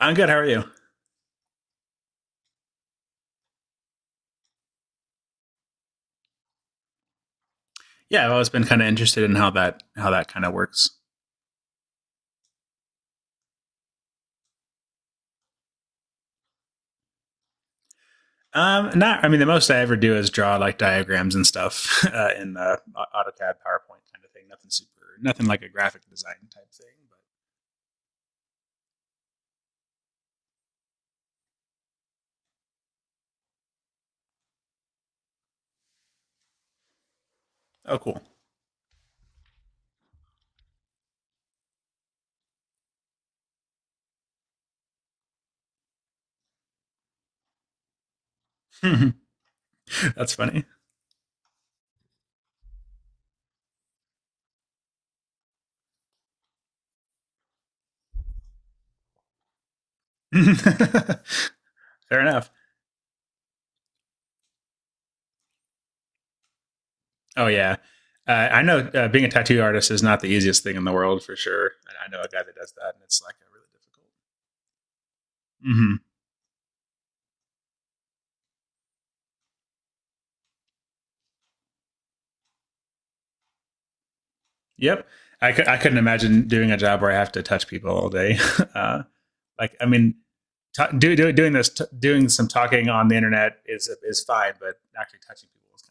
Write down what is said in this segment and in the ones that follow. I'm good. How are you? Yeah, I've always been kind of interested in how that kind of works. Not, I mean, the most I ever do is draw like diagrams and stuff in AutoCAD, PowerPoint kind of thing. Nothing like a graphic design type thing. But oh, cool. That's funny. Fair enough. Oh yeah, I know being a tattoo artist is not the easiest thing in the world for sure. And I know a guy that does that, and it's like a really difficult. Mm-hmm. Yep, I couldn't imagine doing a job where I have to touch people all day. uh, like, I mean, Doing this, doing some talking on the internet is fine, but actually touching people is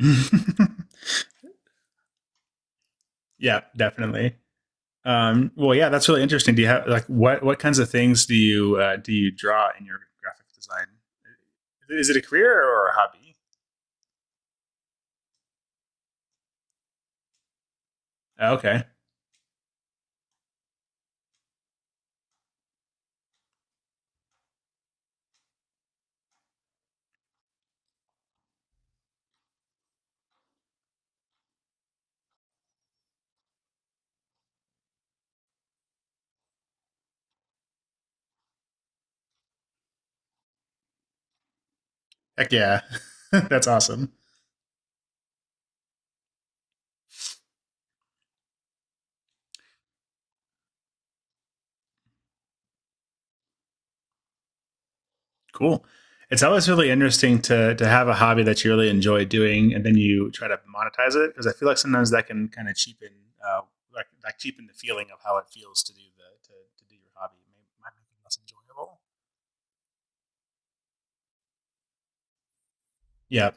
kind of no. Yeah, definitely. Well, yeah, that's really interesting. Do you have like what kinds of things do you draw in your graphic design? Is it a career or a hobby? Oh, okay, heck yeah, that's awesome. Cool. It's always really interesting to have a hobby that you really enjoy doing, and then you try to monetize it because I feel like sometimes that can kind of cheapen uh, like cheapen the feeling of how it feels to do the, to do your hobby. Maybe it might make it less enjoyable. Yeah.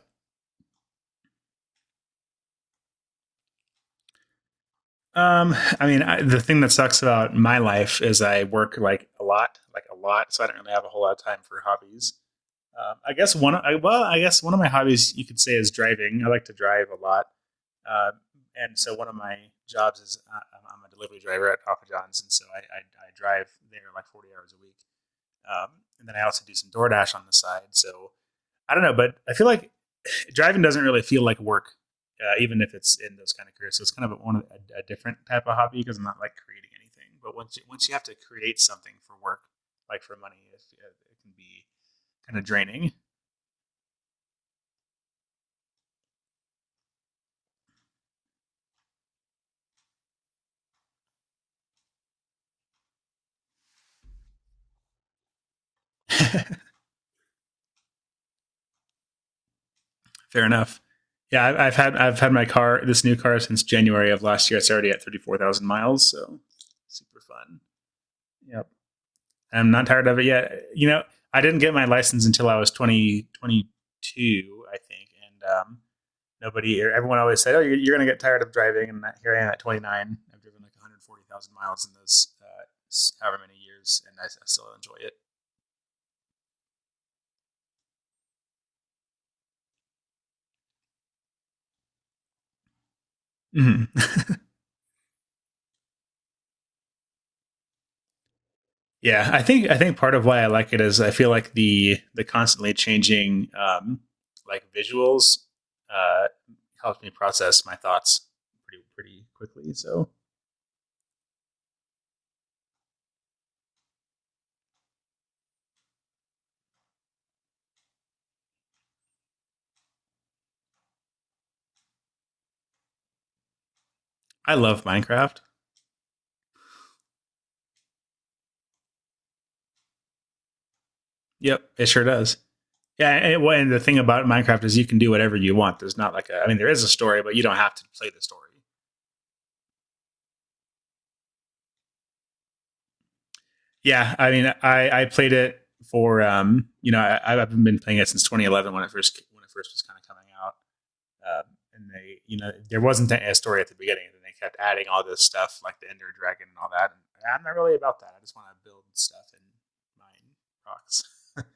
Um, I mean, the thing that sucks about my life is I work like a lot, so I don't really have a whole lot of time for hobbies. I guess I guess one of my hobbies you could say is driving. I like to drive a lot. Uh, and so one of my jobs is a delivery driver at Papa John's, and so I drive there like 40 hours a week. Um, and then I also do some DoorDash on the side. So I don't know, but I feel like driving doesn't really feel like work, even if it's in those kind of careers. So it's kind of one of a different type of hobby because I'm not like creating anything. But once you have to create something for work, like for money, it can be kind of draining. Fair enough. Yeah, I- have had I've had my car, this new car, since January of last year. It's already at 34,000 miles, so super fun. Yep, and I'm not tired of it yet. You know, I didn't get my license until I was twenty twenty two, I think, and nobody or everyone always said, "Oh, you're going to get tired of driving," and here I am at 29. I've driven like 140,000 miles in those however many years, and I still enjoy it. Mm-hmm. Yeah, I think part of why I like it is I feel like the constantly changing like visuals uh, helps me process my thoughts pretty quickly. So I love Minecraft. Yep, it sure does. Yeah, and, well, and the thing about Minecraft is you can do whatever you want. There's not like a, I mean, there is a story, but you don't have to play the story. Yeah, I mean, I played it for you know, I've been playing it since 2011 when it first was kind of coming out. Um, and they, you know, there wasn't a story at the beginning, and then they kept adding all this stuff like the Ender Dragon and all that. And I'm not really about that. I just want to build stuff and mine rocks.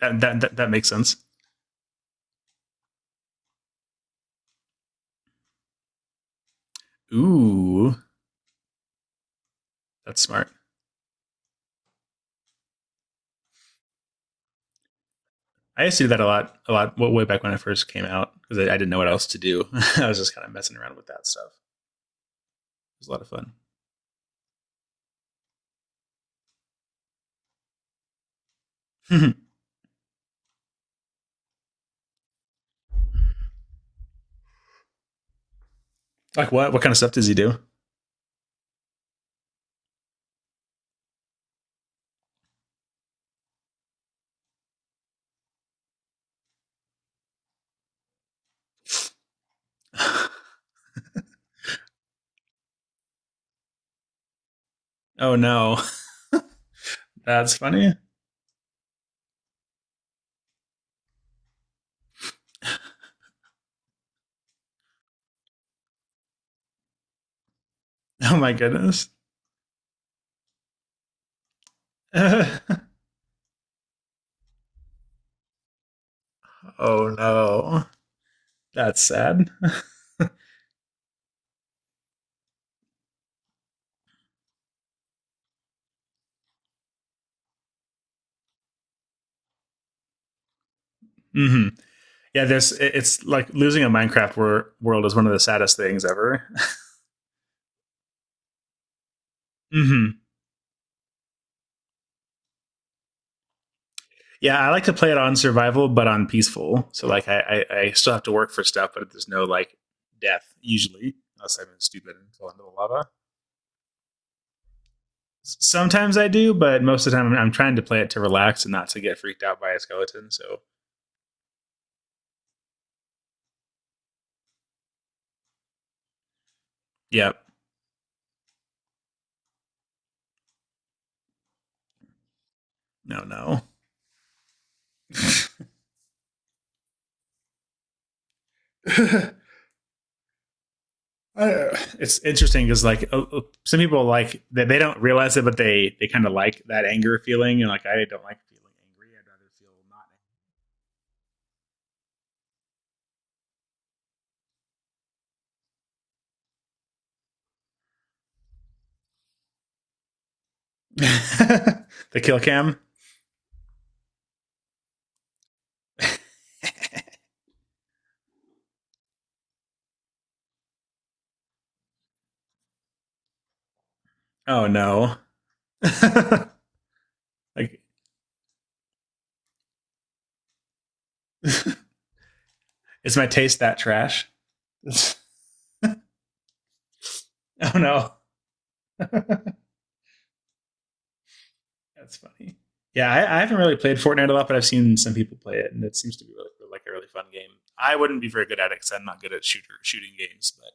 That makes sense. Ooh, that's smart. I used to do that a lot, a lot, well, way back when I first came out because I didn't know what else to do. I was just kind of messing around with that stuff. It was a lot of fun. Like what? What kind of stuff does he do? Oh no, that's funny. Oh my goodness. Oh no, that's sad. Mm-hmm. Yeah, there's it's like losing a world is one of the saddest things ever. Hmm. Yeah, I like to play it on survival, but on peaceful. So like I still have to work for stuff, but there's no like death usually, unless I'm stupid and fall into the lava. Sometimes I do, but most of the time I'm trying to play it to relax and not to get freaked out by a skeleton. So yeah, no, no. It's interesting because like some people like they don't realize it, but they kind of like that anger feeling, and like I don't like feeling angry. I'd rather feel not angry. The kill cam. Oh no! Like is my taste that trash? Oh no! That's funny. Yeah, I haven't really played Fortnite a lot, but I've seen some people play it, and it seems to be really like a really fun game. I wouldn't be very good at it because I'm not good at shooter shooting games, but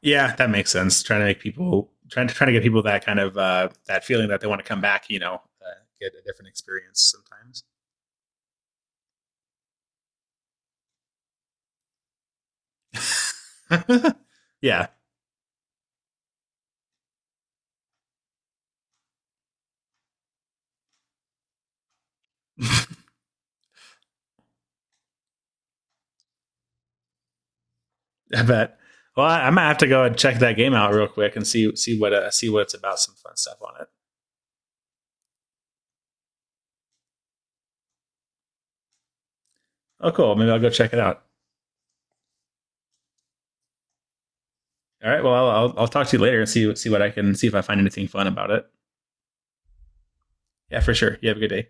yeah, that makes sense. Trying to make people, trying to get people that kind of that feeling that they want to come back. You know, get a different experience sometimes. Yeah, I bet. Well, I might have to go and check that game out real quick and see what it's about. Some fun stuff on it. Oh, cool. Maybe I'll go check it out. All right. Well, I'll talk to you later and see what I can, see if I find anything fun about it. Yeah, for sure. You have a good day. Bye.